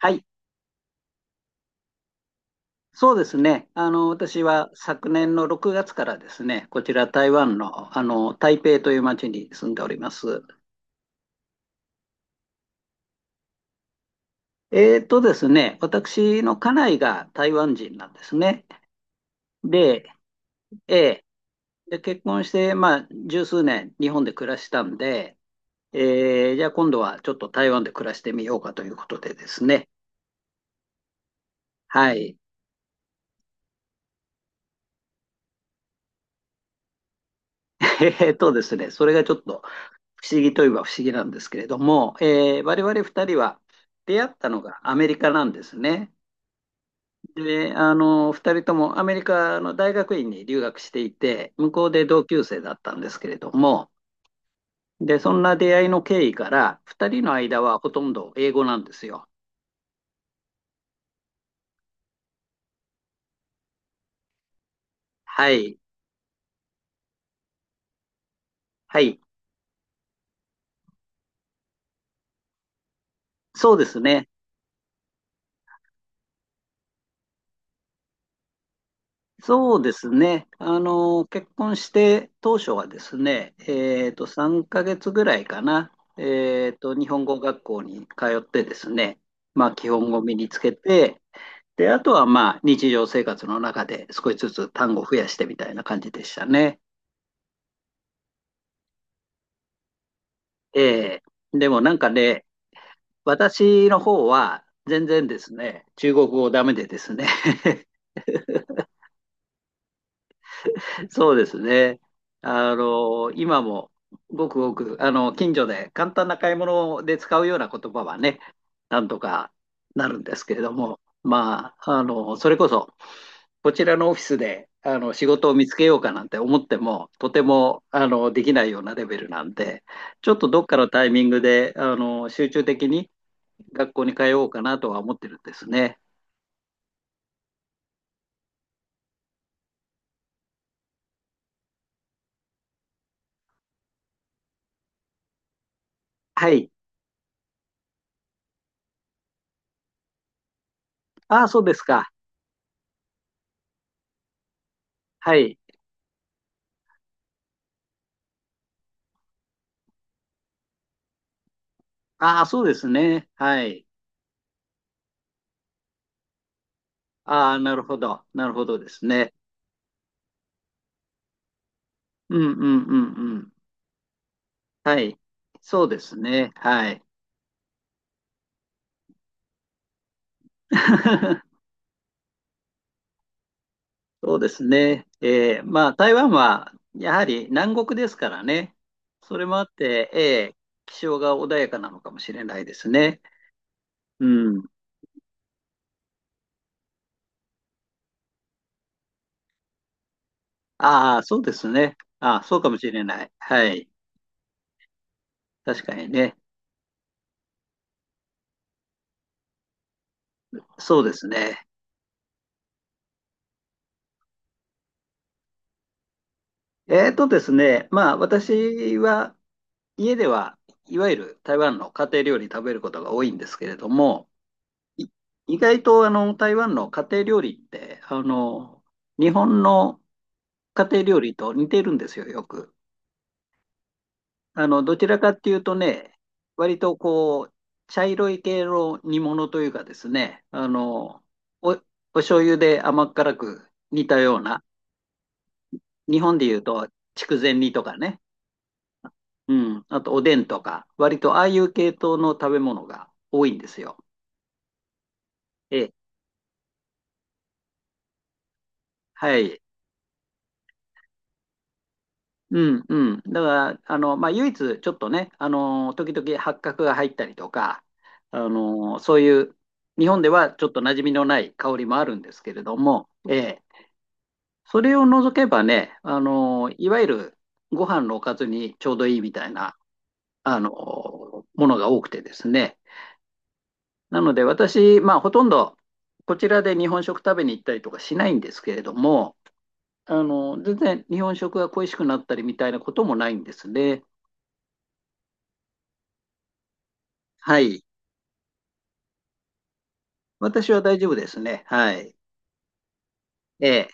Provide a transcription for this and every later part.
はい、そうですね。私は昨年の6月からですね、こちら台湾の、台北という町に住んでおります。えーとですね、私の家内が台湾人なんですね。で、ええ結婚して、十数年日本で暮らしたんで、じゃあ今度はちょっと台湾で暮らしてみようかということでですね。はい。えーとですね、それがちょっと不思議といえば不思議なんですけれども、我々2人は出会ったのがアメリカなんですね。で、2人ともアメリカの大学院に留学していて、向こうで同級生だったんですけれども、で、そんな出会いの経緯から、2人の間はほとんど英語なんですよ。はい。はい。そうですね。そうですね。結婚して当初はですね、3ヶ月ぐらいかな、日本語学校に通ってですね、基本語を身につけて、で、あとは日常生活の中で少しずつ単語を増やしてみたいな感じでしたね。でもなんかね、私の方は全然ですね、中国語ダメでですね そうですね。今もごくごく、近所で簡単な買い物で使うような言葉はね、なんとかなるんですけれども、それこそ、こちらのオフィスで、仕事を見つけようかなんて思っても、とても、できないようなレベルなんで、ちょっとどっかのタイミングで、集中的に学校に通おうかなとは思ってるんですね。はい。ああ、そうですか。はい。ああ、そうですね。はい。ああ、なるほど。なるほどですね。うんうんうんうん。はい。そうですね。はい。そうですね。まあ、台湾はやはり南国ですからね。それもあって、え気象が穏やかなのかもしれないですね。うん。ああ、そうですね。ああ、そうかもしれない。はい。確かにね。そうですね。まあ、私は家では、いわゆる台湾の家庭料理食べることが多いんですけれども、い意外と台湾の家庭料理って日本の家庭料理と似てるんですよ、よく。どちらかっていうとね、割とこう茶色い系の煮物というかですね、お醤油で甘辛く煮たような、日本でいうと筑前煮とかね、うん、あとおでんとか、割とああいう系統の食べ物が多いんですよ。ええ、はい。うんうん。だから、唯一、ちょっとね、時々八角が入ったりとか、そういう、日本ではちょっと馴染みのない香りもあるんですけれども、ええ、それを除けばね、いわゆるご飯のおかずにちょうどいいみたいな、あの、ものが多くてですね。なので、私、まあ、ほとんど、こちらで日本食食べに行ったりとかしないんですけれども、全然日本食が恋しくなったりみたいなこともないんですね。はい。私は大丈夫ですね。はい。ええ。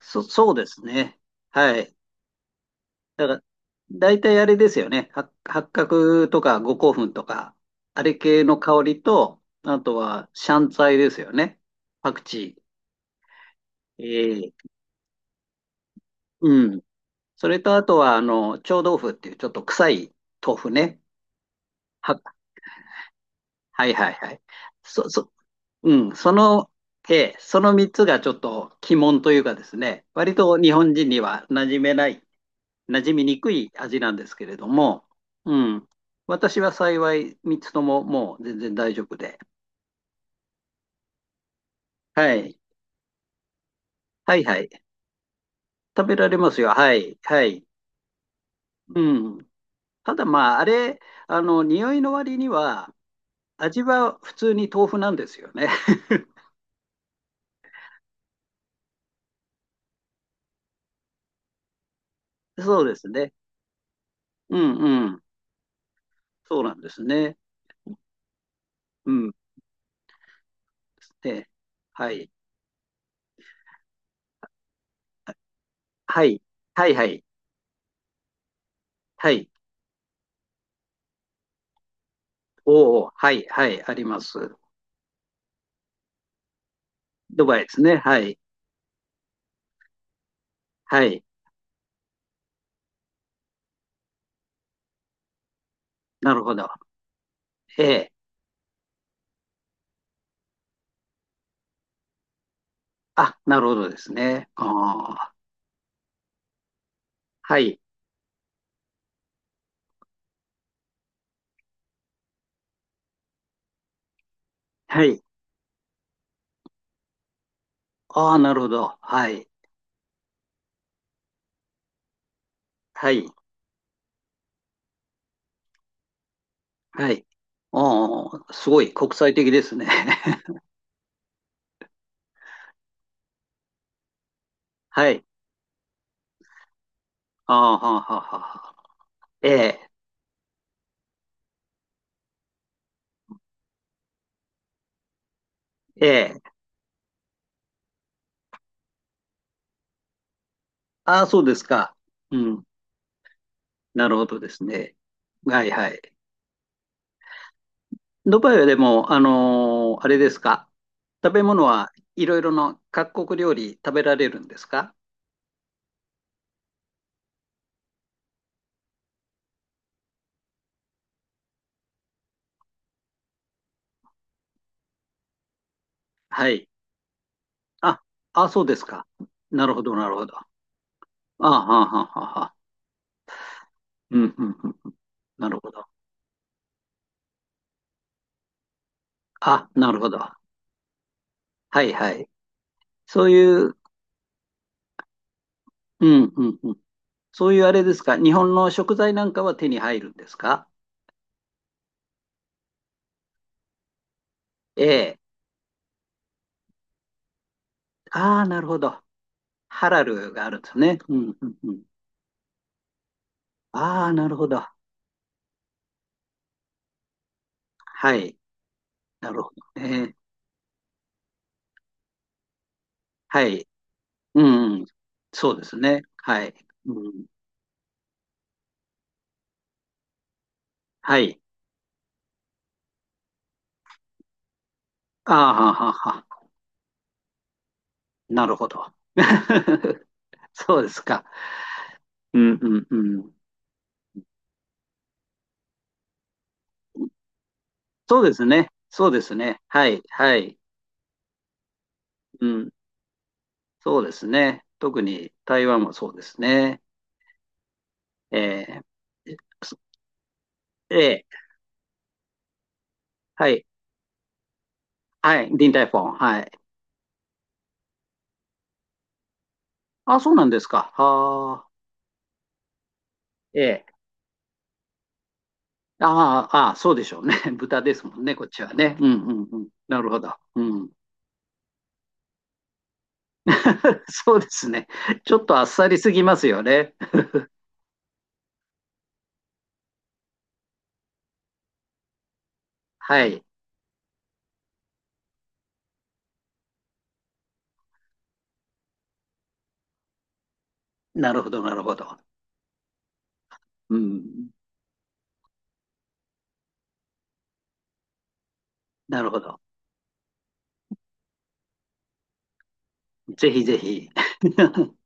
そうですね。はい。だから、大体あれですよね。八角とか五香粉とか、あれ系の香りと、あとはシャンツァ菜ですよね。パクチー。ええ。うん。それとあとは、臭豆腐っていうちょっと臭い豆腐ね。は、はいはいはい。そ、そ、うん。その、ええ、その三つがちょっと鬼門というかですね、割と日本人には馴染みにくい味なんですけれども、うん。私は幸い3つとももう全然大丈夫で。はい。はいはい。食べられますよ。はい。はい。うん。ただまあ、あれ、匂いの割には、味は普通に豆腐なんですよね。そうですね。うんうん。そうなんですね。うん。で、はい。はい。はいはい。はい。おお、はいはい。あります。ドバイですね。はい。はい。なるほど。ええ。あ、なるほどですね。ああ、はい、はい。ああ、なるほど。はい、はい、はい。ああ、すごい国際的ですね。はい。ああ、はあ、はあ、はあ。ええ、ええ。ああ、そうですか。うん、なるほどですね。はい、はい。ドバイはでも、あれですか。食べ物はいろいろな各国料理食べられるんですか？はい。あ、あ、そうですか。なるほど、なるほど。ああ、はあ、はあ、はあ。うん、うん、うん。なるほど。あ、なるほど。はいはい。そういう、うんうんうん。そういうあれですか。日本の食材なんかは手に入るんですか？ええ。ああ、なるほど。ハラルがあるんですね。うんうんうん。ああ、なるほど。はい。なるほどね。はい。うんうん。そうですね。はい。うん、はい。ああ、ははは。なるほど。そうですか。うんうんうん。そうですね。そうですね。はい。はい。うんそうですね。特に台湾もそうですね。えー、すええはい、はい、リンタイフォン、はい。あ、そうなんですか。はあええあああそうでしょうね。豚ですもんね、こっちはね。うんうんうん。なるほど。うん。そうですね。ちょっとあっさりすぎますよね。はい。なるほど、なるほど。うん。なるほど。ぜひぜひ。